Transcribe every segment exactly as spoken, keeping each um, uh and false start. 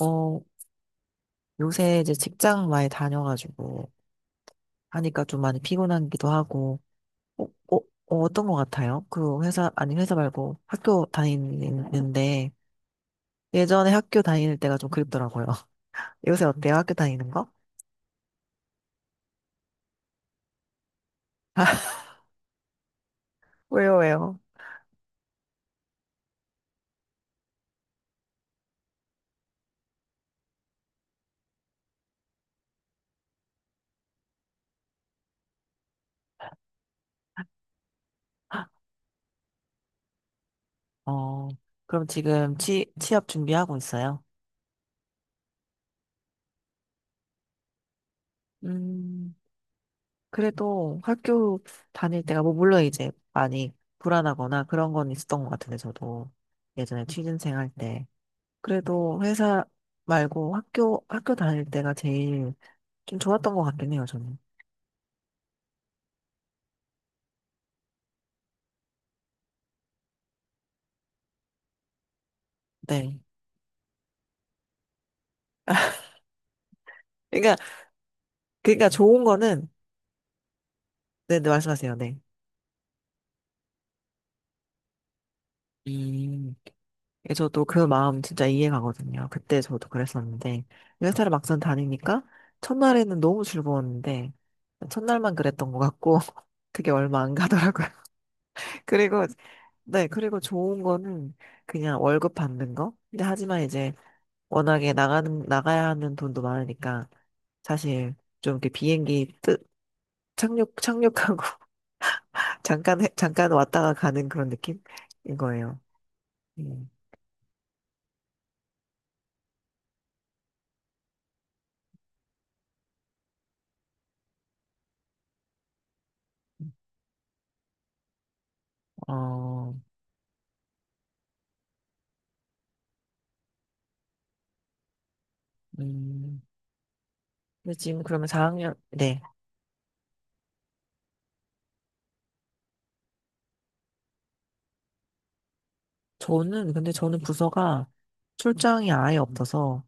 어, 요새 이제 직장 많이 다녀가지고 하니까 좀 많이 피곤하기도 하고, 어, 어, 어, 떤것 같아요? 그 회사, 아니 회사 말고 학교 다니는데 예전에 학교 다닐 때가 좀 그립더라고요. 요새 어때요? 학교 다니는 거? 왜요, 왜요? 어, 그럼 지금 취, 취업 준비하고 있어요? 음, 그래도 학교 다닐 때가, 뭐, 물론 이제 많이 불안하거나 그런 건 있었던 것 같은데, 저도 예전에 취준생 할 때. 그래도 회사 말고 학교, 학교 다닐 때가 제일 좀 좋았던 것 같긴 해요, 저는. 네. 그러니까, 그러니까 좋은 거는, 네, 네, 말씀하세요, 네. 음, 예, 저도 그 마음 진짜 이해가거든요. 그때 저도 그랬었는데, 회사를 막상 다니니까, 첫날에는 너무 즐거웠는데, 첫날만 그랬던 것 같고, 그게 얼마 안 가더라고요. 그리고, 네, 그리고 좋은 거는 그냥 월급 받는 거? 근데 하지만 이제 워낙에 나가는, 나가야 하는 돈도 많으니까, 사실 좀 이렇게 비행기 뜨, 착륙, 착륙하고 잠깐, 해- 잠깐 왔다가 가는 그런 느낌인 거예요. 음. 어, 음. 근데 지금 그러면 사 학년, 네. 저는, 근데 저는 부서가 출장이 아예 없어서,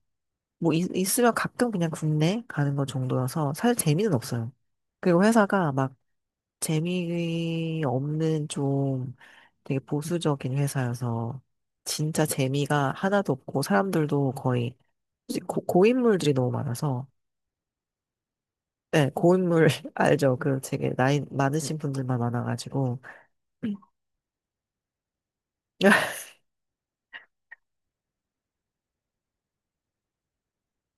뭐, 있, 있으면 가끔 그냥 국내 가는 것 정도여서, 사실 재미는 없어요. 그리고 회사가 막 재미없는 좀 되게 보수적인 회사여서, 진짜 재미가 하나도 없고, 사람들도 거의 솔직히 고, 고인물들이 너무 많아서 네 고인물 알죠 그 되게 나이 많으신 분들만 많아가지고 그니까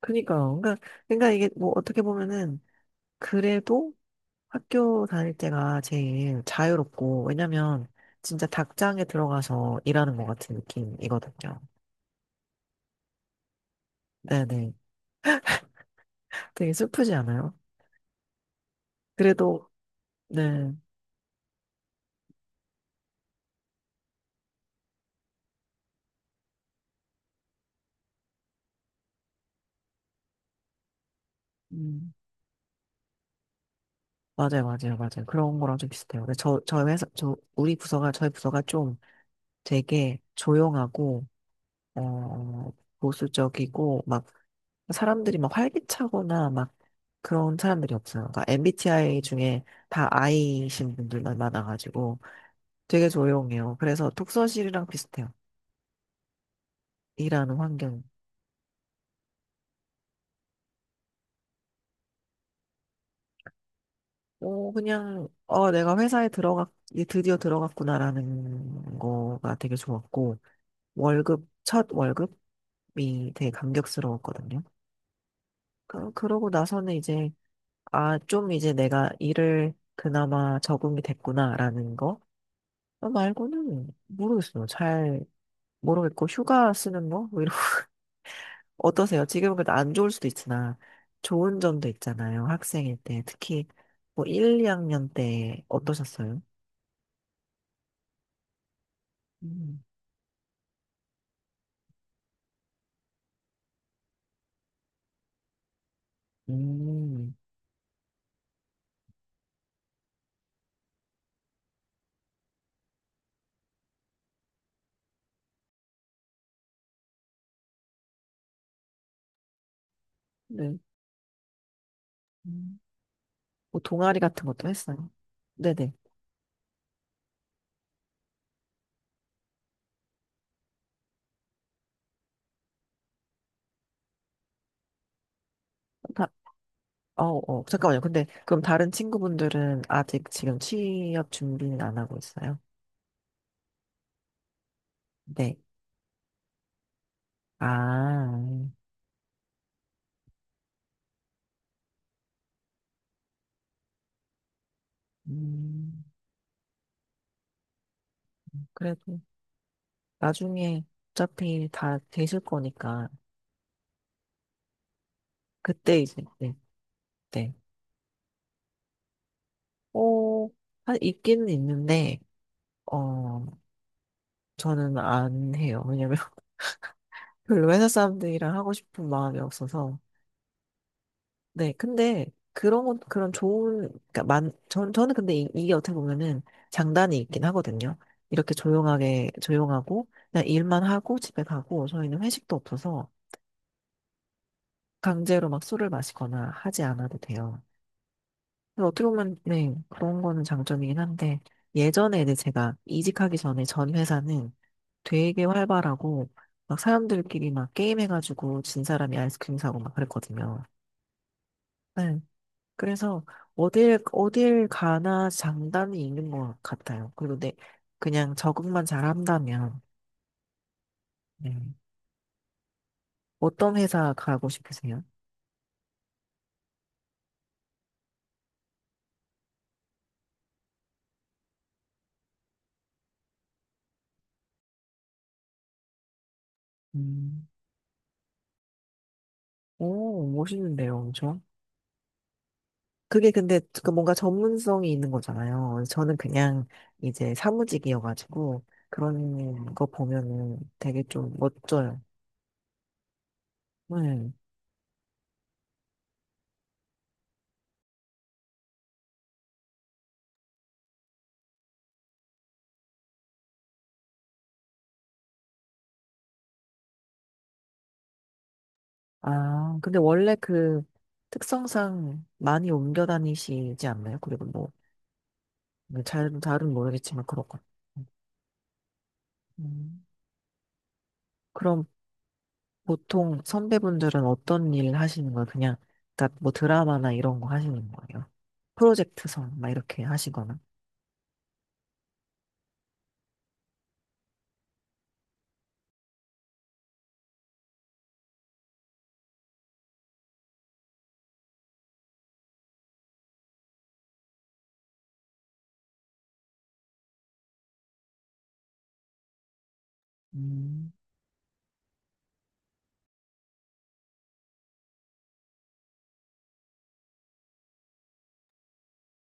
그러니까 그러니까 이게 뭐 어떻게 보면은 그래도 학교 다닐 때가 제일 자유롭고 왜냐면 진짜 닭장에 들어가서 일하는 것 같은 느낌이거든요 네네 되게 슬프지 않아요? 그래도 네 음, 맞아요 맞아요 맞아요 그런 거랑 좀 비슷해요 근데 저 저희 회사 저 우리 부서가 저희 부서가 좀 되게 조용하고 어, 보수적이고 막 사람들이 막 활기차거나 막 그런 사람들이 없어요. 그러니까 엠비티아이 중에 다 I이신 분들만 많아가지고 되게 조용해요. 그래서 독서실이랑 비슷해요. 일하는 환경. 어, 그냥 어, 내가 회사에 들어갔 이제 드디어 들어갔구나라는 거가 되게 좋았고 월급 첫 월급이 되게 감격스러웠거든요. 그, 그러고 나서는 이제 아, 좀 이제 내가 일을 그나마 적응이 됐구나라는 거 어, 말고는 모르겠어요. 잘 모르겠고 휴가 쓰는 거? 뭐 이런 어떠세요? 지금은 그래도 안 좋을 수도 있으나 좋은 점도 있잖아요. 학생일 때 특히 뭐 일, 이 학년 때 어떠셨어요? 음, 음, 네. 음. 뭐 동아리 같은 것도 했어요. 네네. 다, 어, 어, 잠깐만요. 근데 그럼 다른 친구분들은 아직 지금 취업 준비는 안 하고 있어요? 네. 아, 음, 그래도 나중에 어차피 다 되실 거니까 그때 이제 네, 네. 어, 한 있기는 있는데 어 저는 안 해요. 왜냐면 별로 회사 사람들이랑 하고 싶은 마음이 없어서. 네, 근데 그런 건 그런 좋은 그러니까 만 전, 저는 근데 이, 이게 어떻게 보면은 장단이 있긴 하거든요. 이렇게 조용하게 조용하고 그냥 일만 하고 집에 가고 저희는 회식도 없어서 강제로 막 술을 마시거나 하지 않아도 돼요. 그래서 어떻게 보면, 네, 그런 거는 장점이긴 한데, 예전에 이제 제가 이직하기 전에 전 회사는 되게 활발하고, 막 사람들끼리 막 게임해가지고 진 사람이 아이스크림 사고 막 그랬거든요. 네. 그래서 어딜, 어딜 가나 장단이 있는 것 같아요. 그리고 내, 그냥 적응만 잘한다면, 네. 어떤 회사 가고 싶으세요? 음, 오, 멋있는데요, 엄 그게 근데 그 뭔가 전문성이 있는 거잖아요. 저는 그냥 이제 사무직이어가지고 그런 거 보면은 되게 좀 멋져요. 네. 아, 근데 원래 그 특성상 많이 옮겨 다니시지 않나요? 그리고 뭐, 뭐 잘, 잘은 모르겠지만 그렇고. 음. 그럼 보통 선배분들은 어떤 일 하시는 거예요? 그냥, 그러니까 뭐 드라마나 이런 거 하시는 거예요? 프로젝트성 막 이렇게 하시거나. 음.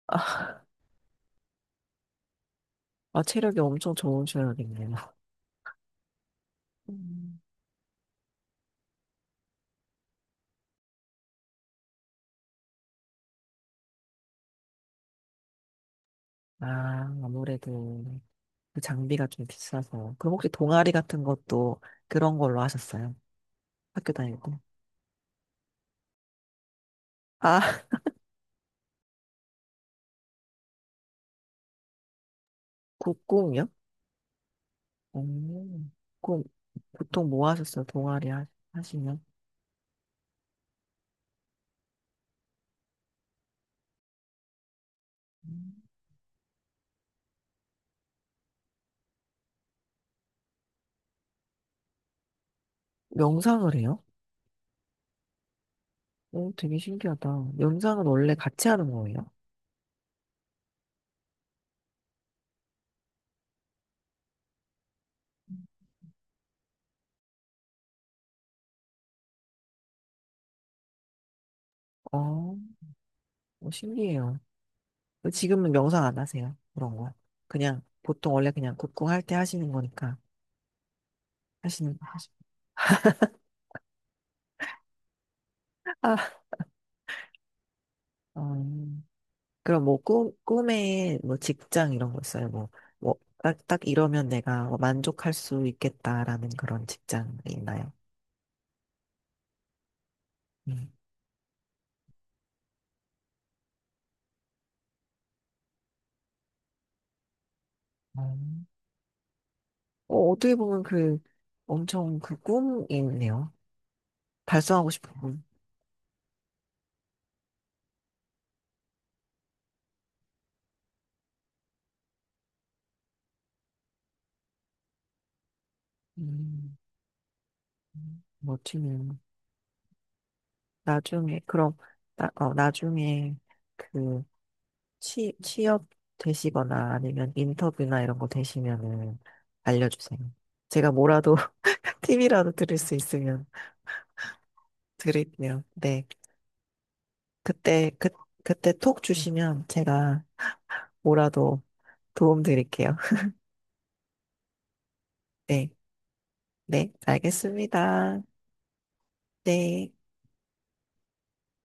아, 아, 체력이 엄청 좋으셔야겠네요. 음. 아, 아무래도 그 장비가 좀 비싸서. 그럼 혹시 동아리 같은 것도 그런 걸로 하셨어요? 학교 다니고? 아, 국공이요? 오 그럼 보통 뭐 하셨어요? 동아리 하, 하시면? 명상을 해요? 오, 되게 신기하다. 명상은 원래 같이 하는 거예요? 어, 어, 신기해요. 지금은 명상 안 하세요? 그런 거. 그냥, 보통 원래 그냥 국궁 할 때 하시는 거니까. 하시는, 거 하시, 아, 어. 그럼 뭐 꿈, 꿈에 뭐 직장 이런 거 있어요? 뭐, 뭐, 딱, 딱 이러면 내가 뭐 만족할 수 있겠다라는 그런 직장이 있나요? 음. 음. 어, 어떻게 보면 그 엄청 그 꿈이네요. 달성하고 싶은 꿈. 음, 멋지네요. 나중에, 그럼, 나, 어, 나중에 그 취, 취업 되시거나 아니면 인터뷰나 이런 거 되시면은 알려주세요. 제가 뭐라도 팁이라도 드릴 수 있으면. 드릴게요. 네. 그때, 그, 그때 톡 주시면 제가 뭐라도 도움 드릴게요. 네. 네. 알겠습니다. 네.